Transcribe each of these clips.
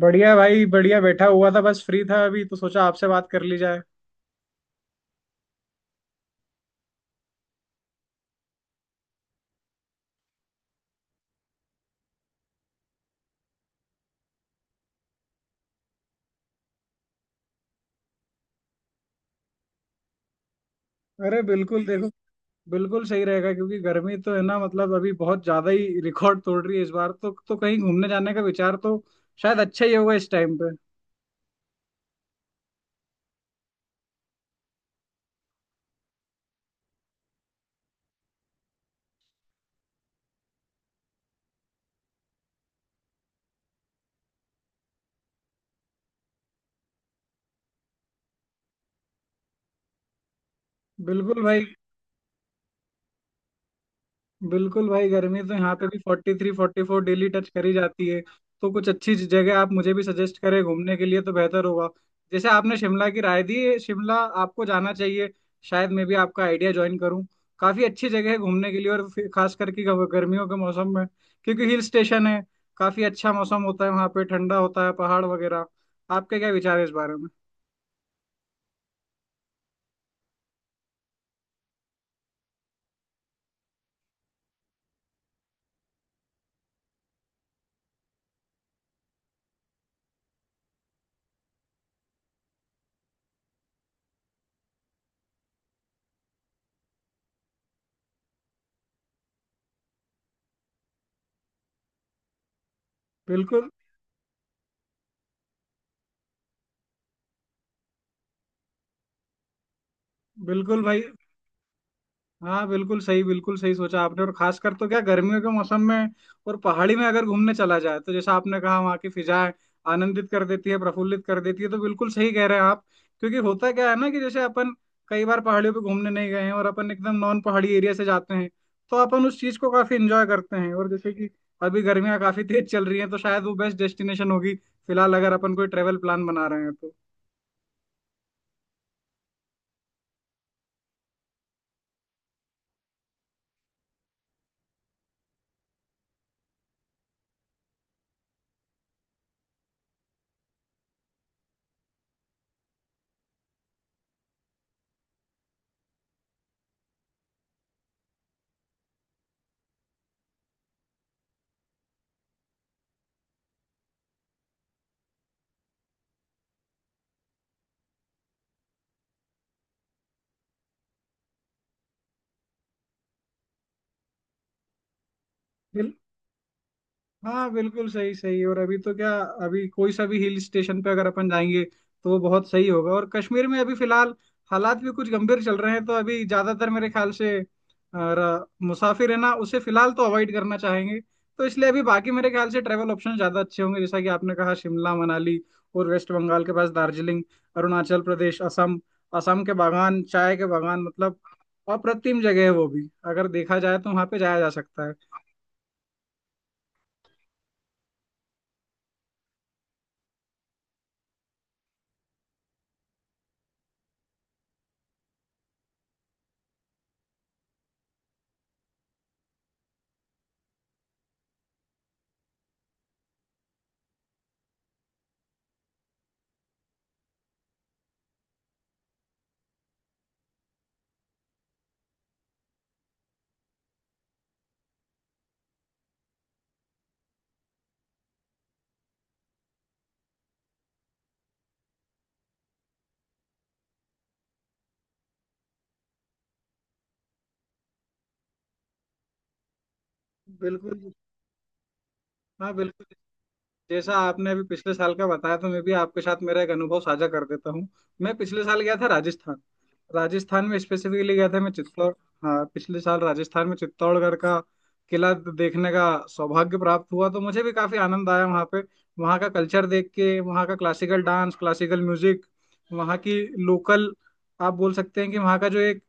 बढ़िया भाई, बढ़िया। बैठा हुआ था, बस फ्री था, अभी तो सोचा आपसे बात कर ली जाए। अरे बिल्कुल देखो, बिल्कुल सही रहेगा क्योंकि गर्मी तो है ना। मतलब अभी बहुत ज्यादा ही रिकॉर्ड तोड़ रही है इस बार। तो कहीं घूमने जाने का विचार तो शायद अच्छा ही होगा इस टाइम पे। बिल्कुल भाई। बिल्कुल भाई, गर्मी तो यहाँ पे भी 43 44 डेली टच करी जाती है। तो कुछ अच्छी जगह आप मुझे भी सजेस्ट करें घूमने के लिए तो बेहतर होगा। जैसे आपने शिमला की राय दी, शिमला आपको जाना चाहिए। शायद मैं भी आपका आइडिया ज्वाइन करूँ। काफी अच्छी जगह है घूमने के लिए, और फिर खास करके गर्मियों के मौसम में, क्योंकि हिल स्टेशन है। काफी अच्छा मौसम होता है वहाँ पे, ठंडा होता है, पहाड़ वगैरह। आपके क्या विचार है इस बारे में? बिल्कुल। बिल्कुल भाई। हाँ बिल्कुल सही, बिल्कुल सही सोचा आपने। और खासकर तो क्या, गर्मियों के मौसम में और पहाड़ी में अगर घूमने चला जाए तो जैसा आपने कहा वहाँ की फिजाएं आनंदित कर देती है, प्रफुल्लित कर देती है। तो बिल्कुल सही कह रहे हैं आप। क्योंकि होता क्या है ना, कि जैसे अपन कई बार पहाड़ियों पे घूमने नहीं गए हैं, और अपन एकदम नॉन पहाड़ी एरिया से जाते हैं, तो अपन उस चीज को काफी इंजॉय करते हैं। और जैसे कि अभी गर्मियां काफी तेज चल रही हैं तो शायद वो बेस्ट डेस्टिनेशन होगी फिलहाल, अगर अपन कोई ट्रेवल प्लान बना रहे हैं तो। हाँ बिल्कुल सही सही। और अभी तो क्या, अभी कोई सा भी हिल स्टेशन पे अगर अपन जाएंगे तो वो बहुत सही होगा। और कश्मीर में अभी फिलहाल हालात भी कुछ गंभीर चल रहे हैं, तो अभी ज्यादातर मेरे ख्याल से मुसाफिर है ना, उसे फिलहाल तो अवॉइड करना चाहेंगे। तो इसलिए अभी बाकी मेरे ख्याल से ट्रैवल ऑप्शन ज्यादा अच्छे होंगे, जैसा कि आपने कहा शिमला मनाली, और वेस्ट बंगाल के पास दार्जिलिंग, अरुणाचल प्रदेश, असम। असम के बागान, चाय के बागान मतलब अप्रतिम जगह है। वो भी अगर देखा जाए तो वहां पे जाया जा सकता है। बिल्कुल। हाँ बिल्कुल। जैसा आपने अभी पिछले साल का बताया, तो मैं भी आपके साथ मेरा एक अनुभव साझा कर देता हूँ। मैं पिछले साल गया था राजस्थान। राजस्थान में स्पेसिफिकली गया था मैं चित्तौड़। हाँ पिछले साल राजस्थान में चित्तौड़गढ़ का किला देखने का सौभाग्य प्राप्त हुआ, तो मुझे भी काफी आनंद आया वहाँ पे। वहाँ का कल्चर देख के, वहाँ का क्लासिकल डांस, क्लासिकल म्यूजिक, वहाँ की लोकल, आप बोल सकते हैं कि वहाँ का जो एक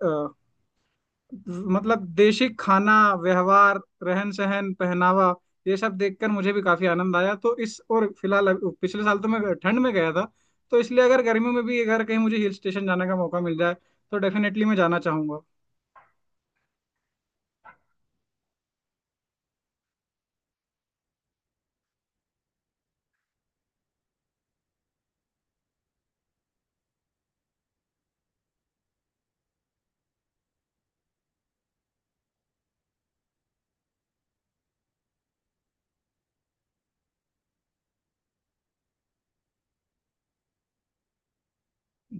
मतलब देशी खाना, व्यवहार, रहन सहन, पहनावा, ये सब देखकर मुझे भी काफी आनंद आया। तो इस और फिलहाल पिछले साल तो मैं ठंड में गया था, तो इसलिए अगर गर्मियों में भी अगर कहीं मुझे हिल स्टेशन जाने का मौका मिल जाए तो डेफिनेटली मैं जाना चाहूंगा।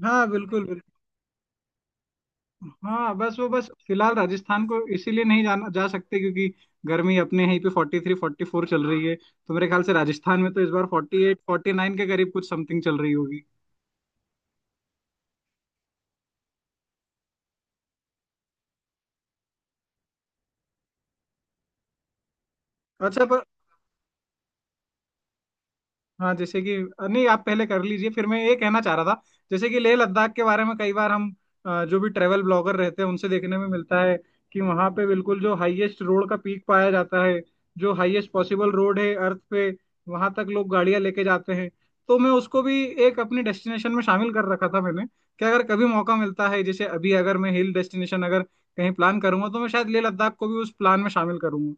हाँ बिल्कुल बिल्कुल। हाँ बस वो बस फिलहाल राजस्थान को इसीलिए नहीं जाना जा सकते क्योंकि गर्मी अपने यहीं पे 43 फोर्टी फोर चल रही है। तो मेरे ख्याल से राजस्थान में तो इस बार 48 49 के करीब कुछ समथिंग चल रही होगी। अच्छा पर। हाँ जैसे कि, नहीं आप पहले कर लीजिए, फिर मैं। ये कहना चाह रहा था जैसे कि लेह लद्दाख के बारे में कई बार हम जो भी ट्रेवल ब्लॉगर रहते हैं उनसे देखने में मिलता है कि वहाँ पे बिल्कुल जो हाईएस्ट रोड का पीक पाया जाता है, जो हाईएस्ट पॉसिबल रोड है अर्थ पे, वहाँ तक लोग गाड़ियाँ लेके जाते हैं। तो मैं उसको भी एक अपनी डेस्टिनेशन में शामिल कर रखा था मैंने कि अगर कभी मौका मिलता है, जैसे अभी अगर मैं हिल डेस्टिनेशन अगर कहीं प्लान करूंगा तो मैं शायद लेह लद्दाख को भी उस प्लान में शामिल करूंगा।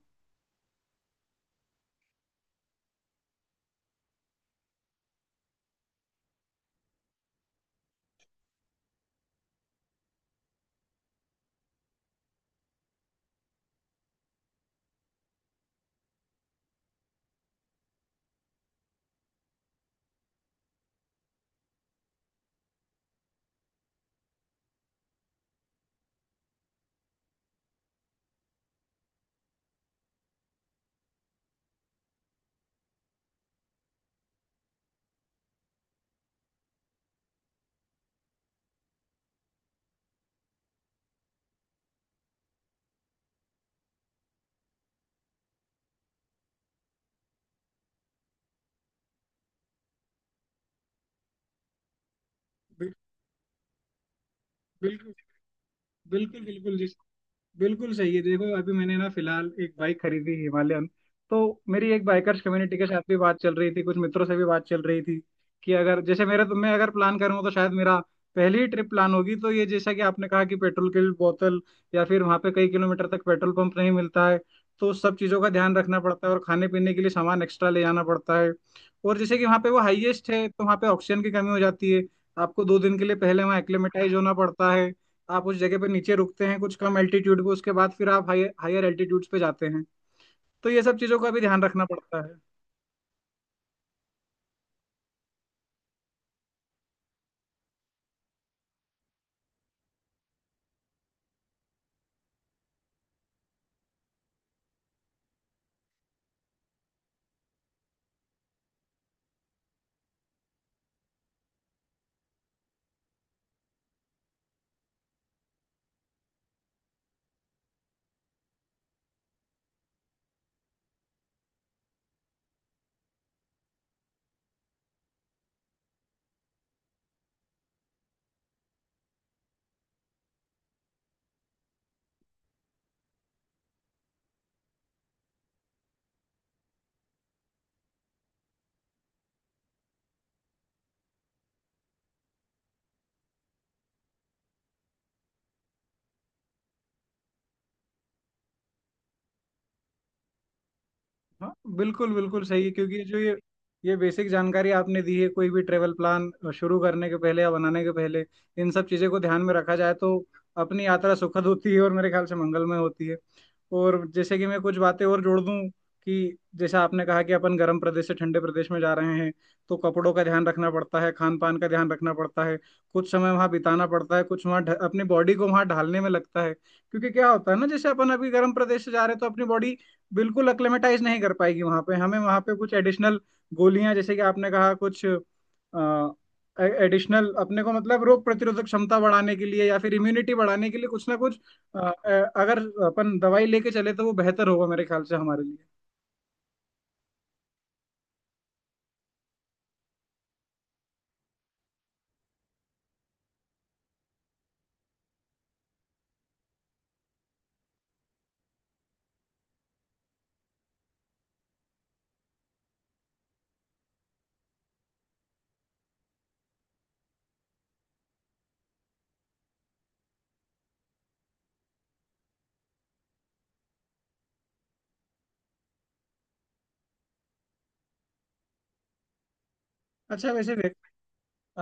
बिल- बिल्कुल। बिल्कुल बिल्कुल जी। बिल्कुल सही है। देखो अभी मैंने ना फिलहाल एक बाइक खरीदी हिमालयन, तो मेरी एक बाइकर्स कम्युनिटी के साथ भी बात चल रही थी, कुछ मित्रों से भी बात चल रही थी कि अगर जैसे मेरे, तो मैं अगर प्लान करूँ तो शायद मेरा पहली ही ट्रिप प्लान होगी। तो ये जैसा कि आपने कहा कि पेट्रोल की बोतल या फिर वहाँ पे कई किलोमीटर तक पेट्रोल पंप नहीं मिलता है, तो उस सब चीज़ों का ध्यान रखना पड़ता है और खाने पीने के लिए सामान एक्स्ट्रा ले जाना पड़ता है। और जैसे कि वहाँ पे वो हाईएस्ट है तो वहाँ पे ऑक्सीजन की कमी हो जाती है। आपको 2 दिन के लिए पहले वहाँ एक्लेमेटाइज होना पड़ता है। आप उस जगह पे नीचे रुकते हैं कुछ कम एल्टीट्यूड पे, उसके बाद फिर आप हायर हायर एल्टीट्यूड्स पे जाते हैं। तो ये सब चीज़ों का भी ध्यान रखना पड़ता है। हाँ बिल्कुल। बिल्कुल सही है क्योंकि जो ये बेसिक जानकारी आपने दी है, कोई भी ट्रेवल प्लान शुरू करने के पहले या बनाने के पहले इन सब चीज़ों को ध्यान में रखा जाए तो अपनी यात्रा सुखद होती है और मेरे ख्याल से मंगलमय होती है। और जैसे कि मैं कुछ बातें और जोड़ दूं कि जैसा आपने कहा कि अपन गर्म प्रदेश से ठंडे प्रदेश में जा रहे हैं तो कपड़ों का ध्यान रखना पड़ता है, खान पान का ध्यान रखना पड़ता है। कुछ समय वहाँ बिताना पड़ता है, कुछ वहाँ अपनी बॉडी को वहाँ ढालने में लगता है। क्योंकि क्या होता है ना, जैसे अपन अभी गर्म प्रदेश से जा रहे हैं तो अपनी बॉडी बिल्कुल अक्लेमेटाइज नहीं कर पाएगी वहाँ पे। हमें वहाँ पे कुछ एडिशनल गोलियां, जैसे कि आपने कहा, कुछ एडिशनल अपने को मतलब रोग प्रतिरोधक क्षमता बढ़ाने के लिए या फिर इम्यूनिटी बढ़ाने के लिए कुछ ना कुछ अ, अ, अगर अपन दवाई लेके चले तो वो बेहतर होगा मेरे ख्याल से हमारे लिए। अच्छा, वैसे व्यक्ति,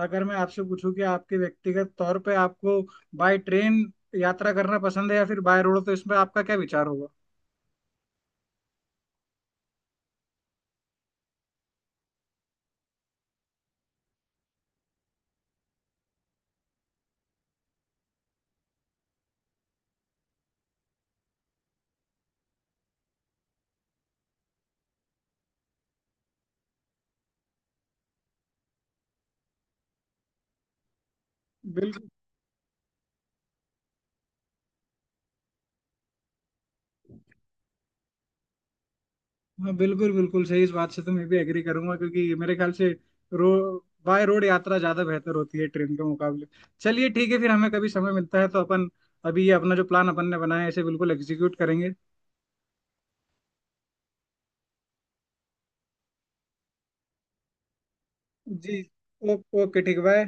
अगर मैं आपसे पूछूं कि आपके व्यक्तिगत तौर पे आपको बाय ट्रेन यात्रा करना पसंद है या फिर बाय रोड, तो इसमें आपका क्या विचार होगा? बिल्कुल। हाँ बिल्कुल बिल्कुल सही। इस बात से तो मैं भी एग्री करूंगा क्योंकि मेरे ख्याल से रो बाय रोड यात्रा ज्यादा बेहतर होती है ट्रेन के मुकाबले। चलिए ठीक है फिर, हमें कभी समय मिलता है तो अपन अभी ये अपना जो प्लान अपन ने बनाया है इसे बिल्कुल एग्जीक्यूट करेंगे। जी। ओ, ओके ठीक। बाय।